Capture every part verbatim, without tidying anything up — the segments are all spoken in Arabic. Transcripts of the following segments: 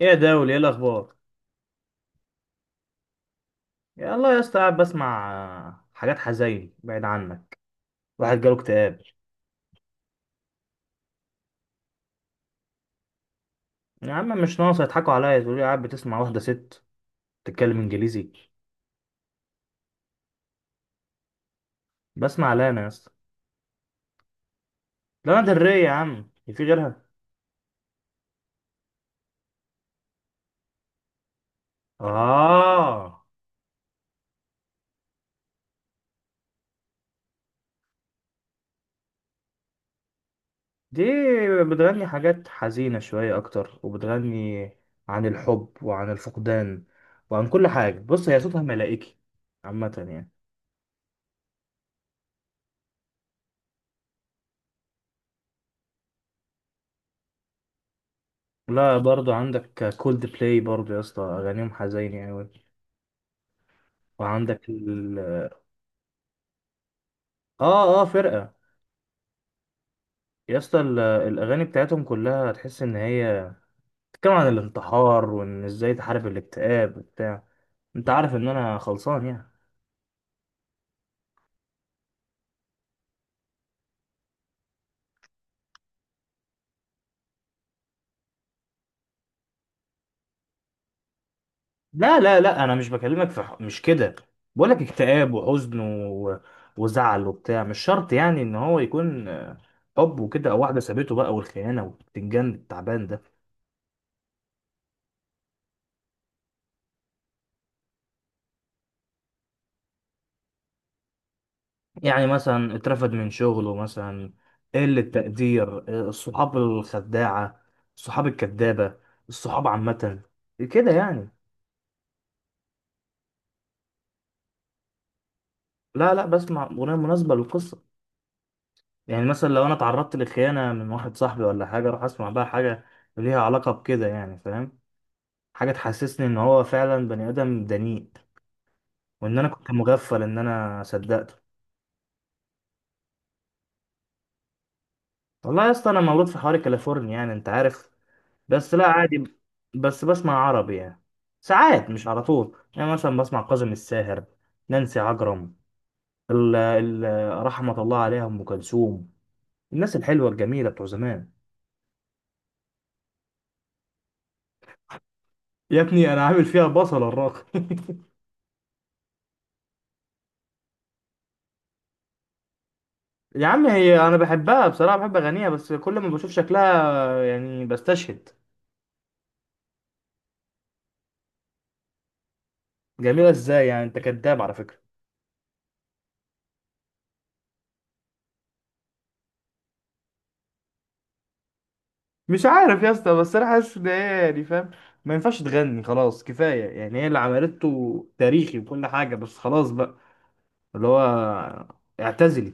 ايه يا داول، ايه الاخبار؟ يا الله يا اسطى، قاعد بسمع آه، حاجات حزين بعيد عنك. واحد جاله اكتئاب. يا عم مش ناقص يضحكوا عليا تقول لي قاعد بتسمع واحده ست بتتكلم انجليزي. بسمع لانا يا اسطى. لانا دري يا عم، إيه في غيرها؟ اه، دي بتغني حاجات حزينه شويه اكتر، وبتغني عن الحب وعن الفقدان وعن كل حاجه. بص، هي صوتها ملائكي عامه يعني. لا برضو عندك كولد بلاي برضو يا اسطى، اغانيهم حزينه قوي. وعندك ال اه اه فرقة. يا اسطى ال- الأغاني بتاعتهم كلها تحس إن هي بتتكلم عن الانتحار، وإن إزاي تحارب الاكتئاب وبتاع. أنت عارف إن أنا خلصان يعني. لا لا لا، أنا مش بكلمك في ح- مش كده. بقولك اكتئاب وحزن و... وزعل وبتاع. مش شرط يعني إن هو يكون آه، حب وكده، أو واحدة سابته بقى، والخيانة والبتنجان التعبان ده. يعني مثلا اترفد من شغله مثلا، قلة تقدير، الصحاب الخداعة، الصحاب الكذابة، الصحاب عامة، كده يعني. لا لا، بسمع أغنية مناسبة للقصة. يعني مثلا لو أنا اتعرضت لخيانة من واحد صاحبي ولا حاجة، أروح أسمع بقى حاجة ليها علاقة بكده، يعني فاهم. حاجة تحسسني إن هو فعلا بني آدم دنيء، وإن أنا كنت مغفل إن أنا صدقته. والله يا اسطى أنا مولود في حواري كاليفورنيا، يعني أنت عارف. بس لا عادي، بس بسمع عربي يعني ساعات، مش على طول. يعني مثلا بسمع كاظم الساهر، نانسي عجرم، ال ال رحمة الله عليها أم كلثوم، الناس الحلوة الجميلة بتوع زمان. يا ابني أنا عامل فيها بصلة الراقي يا عم، هي أنا بحبها بصراحة، بحب أغانيها، بس كل ما بشوف شكلها يعني بستشهد. جميلة إزاي يعني؟ أنت كداب على فكرة. مش عارف يا اسطى، بس أنا حاسس إن هي، يعني فاهم، ما ينفعش تغني، خلاص كفاية. يعني هي اللي عملته تاريخي وكل حاجة، بس خلاص بقى، اللي هو اعتزلي.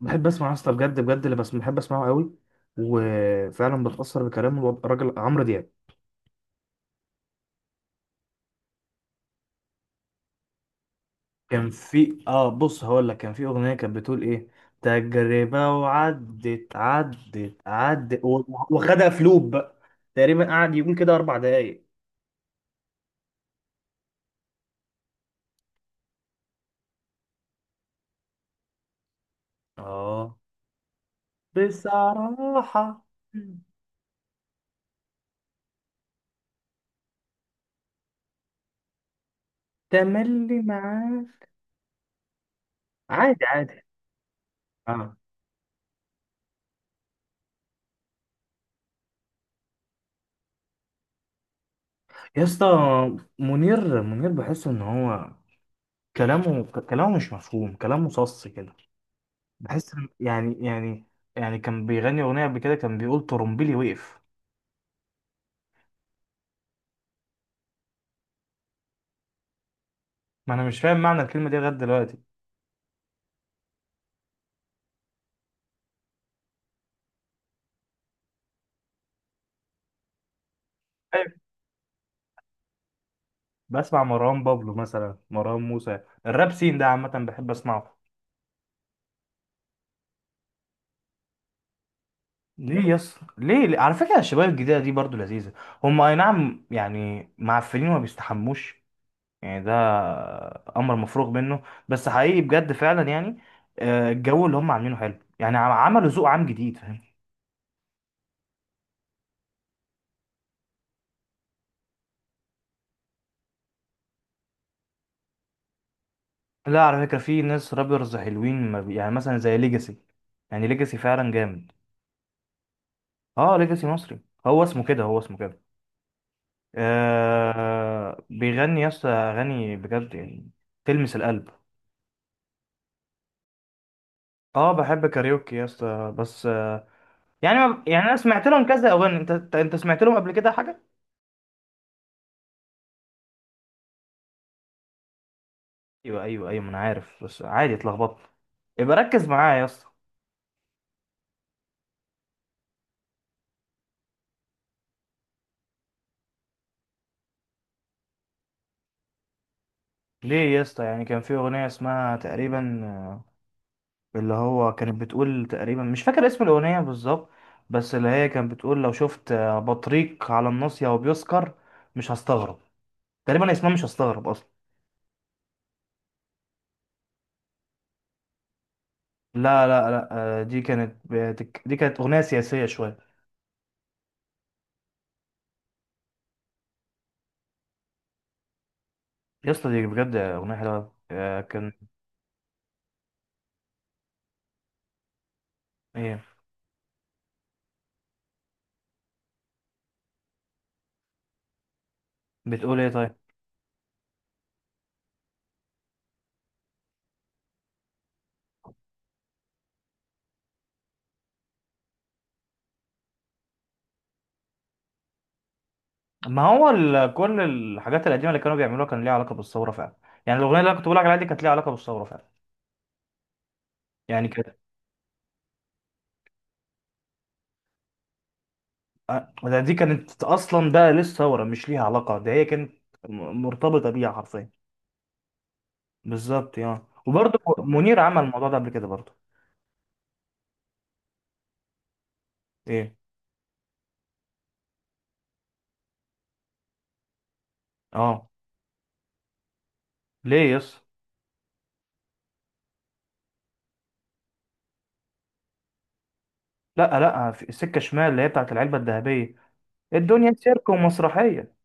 بحب اسمع يا اسطى بجد بجد، اللي بس بحب اسمعه قوي وفعلا بتأثر بكلام الو- الراجل عمرو دياب. كان في اه، بص هقول لك، كان في اغنيه كانت بتقول ايه، تجربه وعدت عدت عدت و- وخدها في لوب بقى. تقريبا قعد يقول كده اربع دقايق. اه، بصراحه، تملي معاك. عادي عادي. اه يا اسطى، منير منير، بحس ان هو كلامه ك- كلامه مش مفهوم، كلامه صص كده. بحس إن- يعني يعني، يعني كان بيغني اغنيه قبل كده كان بيقول طرمبيلي وقف. ما انا مش فاهم معنى الكلمه دي لغايه دلوقتي. أيوة. بسمع مروان بابلو مثلا، مروان موسى. الراب سين ده عامه بحب اسمعه. ليه يس، ليه, ليه؟ على فكره الشباب الجديده دي برضو لذيذه. هم اي نعم يعني معفنين وما بيستحموش، يعني ده امر مفروغ منه، بس حقيقي بجد فعلا يعني. آه، الجو اللي هم عاملينه حلو يعني، عملوا ذوق عام جديد، فاهم. لا، على فكرة في ناس رابرز حلوين ما بي... يعني مثلا زي ليجاسي. يعني ليجاسي فعلا جامد. اه ليجاسي مصري، هو اسمه كده، هو اسمه كده. آه... بيغني يا اسطى اغاني بجد يعني، تلمس القلب. اه بحب كاريوكي يا اسطى، بس آه... يعني ما... يعني انا سمعت لهم كذا اغاني. انت انت أنت سمعت لهم قبل كده حاجة؟ ايوه ايوه ايوه، ما انا عارف، بس عادي اتلخبطت. يبقى ركز معايا يا اسطى. ليه يا اسطى، يعني كان في اغنية اسمها تقريبا آه، اللي هو كانت بتقول تقريبا، مش فاكر اسم الأغنية بالظبط، بس اللي هي كانت بتقول لو شفت بطريق على الناصية وبيسكر مش هستغرب. تقريبا اسمها مش هستغرب أصلا. لا لا لا، آه، دي كانت بتك... دي كانت أغنية سياسية شوية. يا اسطى دي بجد أغنية حلوة أوي. آه، كان ايه بتقول ايه طيب؟ ما هو ال... كل الحاجات القديمة اللي كانوا بيعملوها كان ليها علاقة بالثورة فعلا. يعني الأغنية اللي أنا كنت بقول لك عليها دي كانت ليها علاقة بالثورة فعلا، يعني كانت، آه، ده دي كانت اصلا، ده لسه ثوره مش ليها علاقه، ده هي كانت م- مرتبطه بيها حرفيا. بالظبط اه، وبرضه منير عمل الموضوع ده قبل كده برضه. ايه. اه ليه يس. لا لا، في السكه شمال اللي هي بتاعت العلبه الذهبيه، الدنيا سيرك ومسرحيه.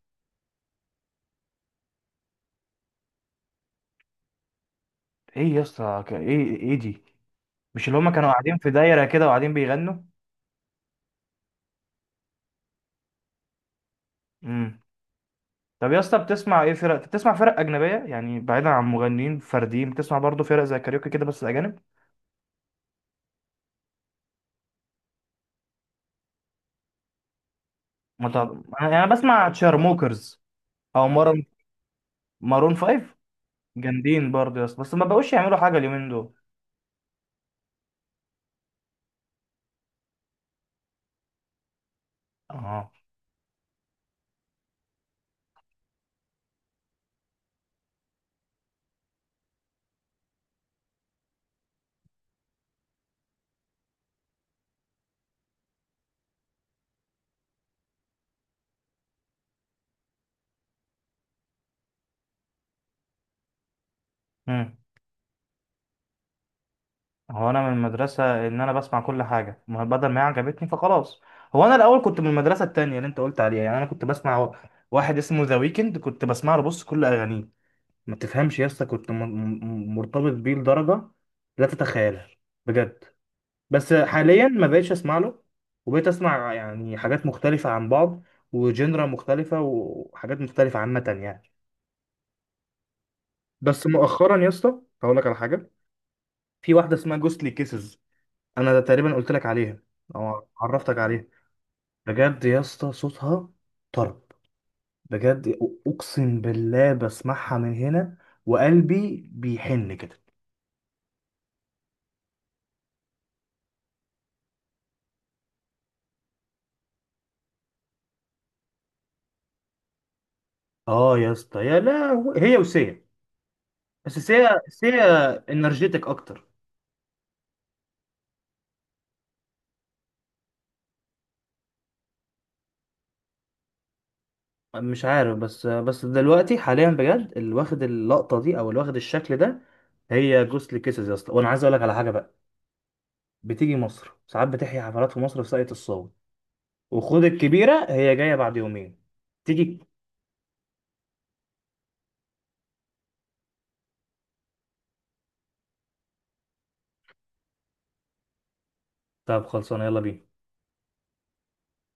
ايه يس؟ ايه ايه دي؟ مش اللي هما كانوا قاعدين في دايره كده وقاعدين بيغنوا؟ امم طب يا اسطى بتسمع ايه فرق؟ بتسمع فرق اجنبيه يعني بعيدا عن مغنيين فرديين؟ بتسمع برضه فرق زي كاريوكي كده بس اجانب؟ ما تعرف- انا أنا بسمع تشارموكرز، او مارون مارون فايف. جامدين برضه يا اسطى، بس ما بقوش يعملوا حاجه اليومين دول. اه. امم هو انا من المدرسه ان انا بسمع كل حاجه، ما بدل ما هي عجبتني فخلاص. هو انا الاول كنت من المدرسه التانية اللي انت قلت عليها، يعني انا كنت بسمع و- واحد اسمه ذا ويكند، كنت بسمع له بص كل اغانيه. ما تفهمش يا اسطى، كنت م- م- مرتبط بيه لدرجه لا تتخيلها، بجد. بس حاليا ما بقتش اسمع له، وبقيت اسمع يعني حاجات مختلفه عن بعض، وجنرا مختلفه وحاجات مختلفه عامه يعني. بس مؤخرا يا اسطى هقول لك على حاجه. في واحده اسمها جوستلي كيسز. انا تقريبا قلت لك عليها، او عرفتك عليها. بجد يا اسطى صوتها طرب، بجد أ- اقسم بالله بسمعها من هنا وقلبي بيحن كده. اه يا اسطى، يا لا، هي وسيا. بس سيا، سيا انرجيتك اكتر. مش عارف، بس بس دلوقتي حاليا بجد اللي واخد اللقطه دي، او اللي واخد الشكل ده، هي جوستلي كيسز يا اسطى. وانا عايز اقول لك على حاجه بقى. بتيجي مصر ساعات، بتحيي حفلات في مصر في ساقية الصاوي. وخد الكبيرة، هي جاية بعد يومين. تيجي؟ طب خلصانة، يلا بينا.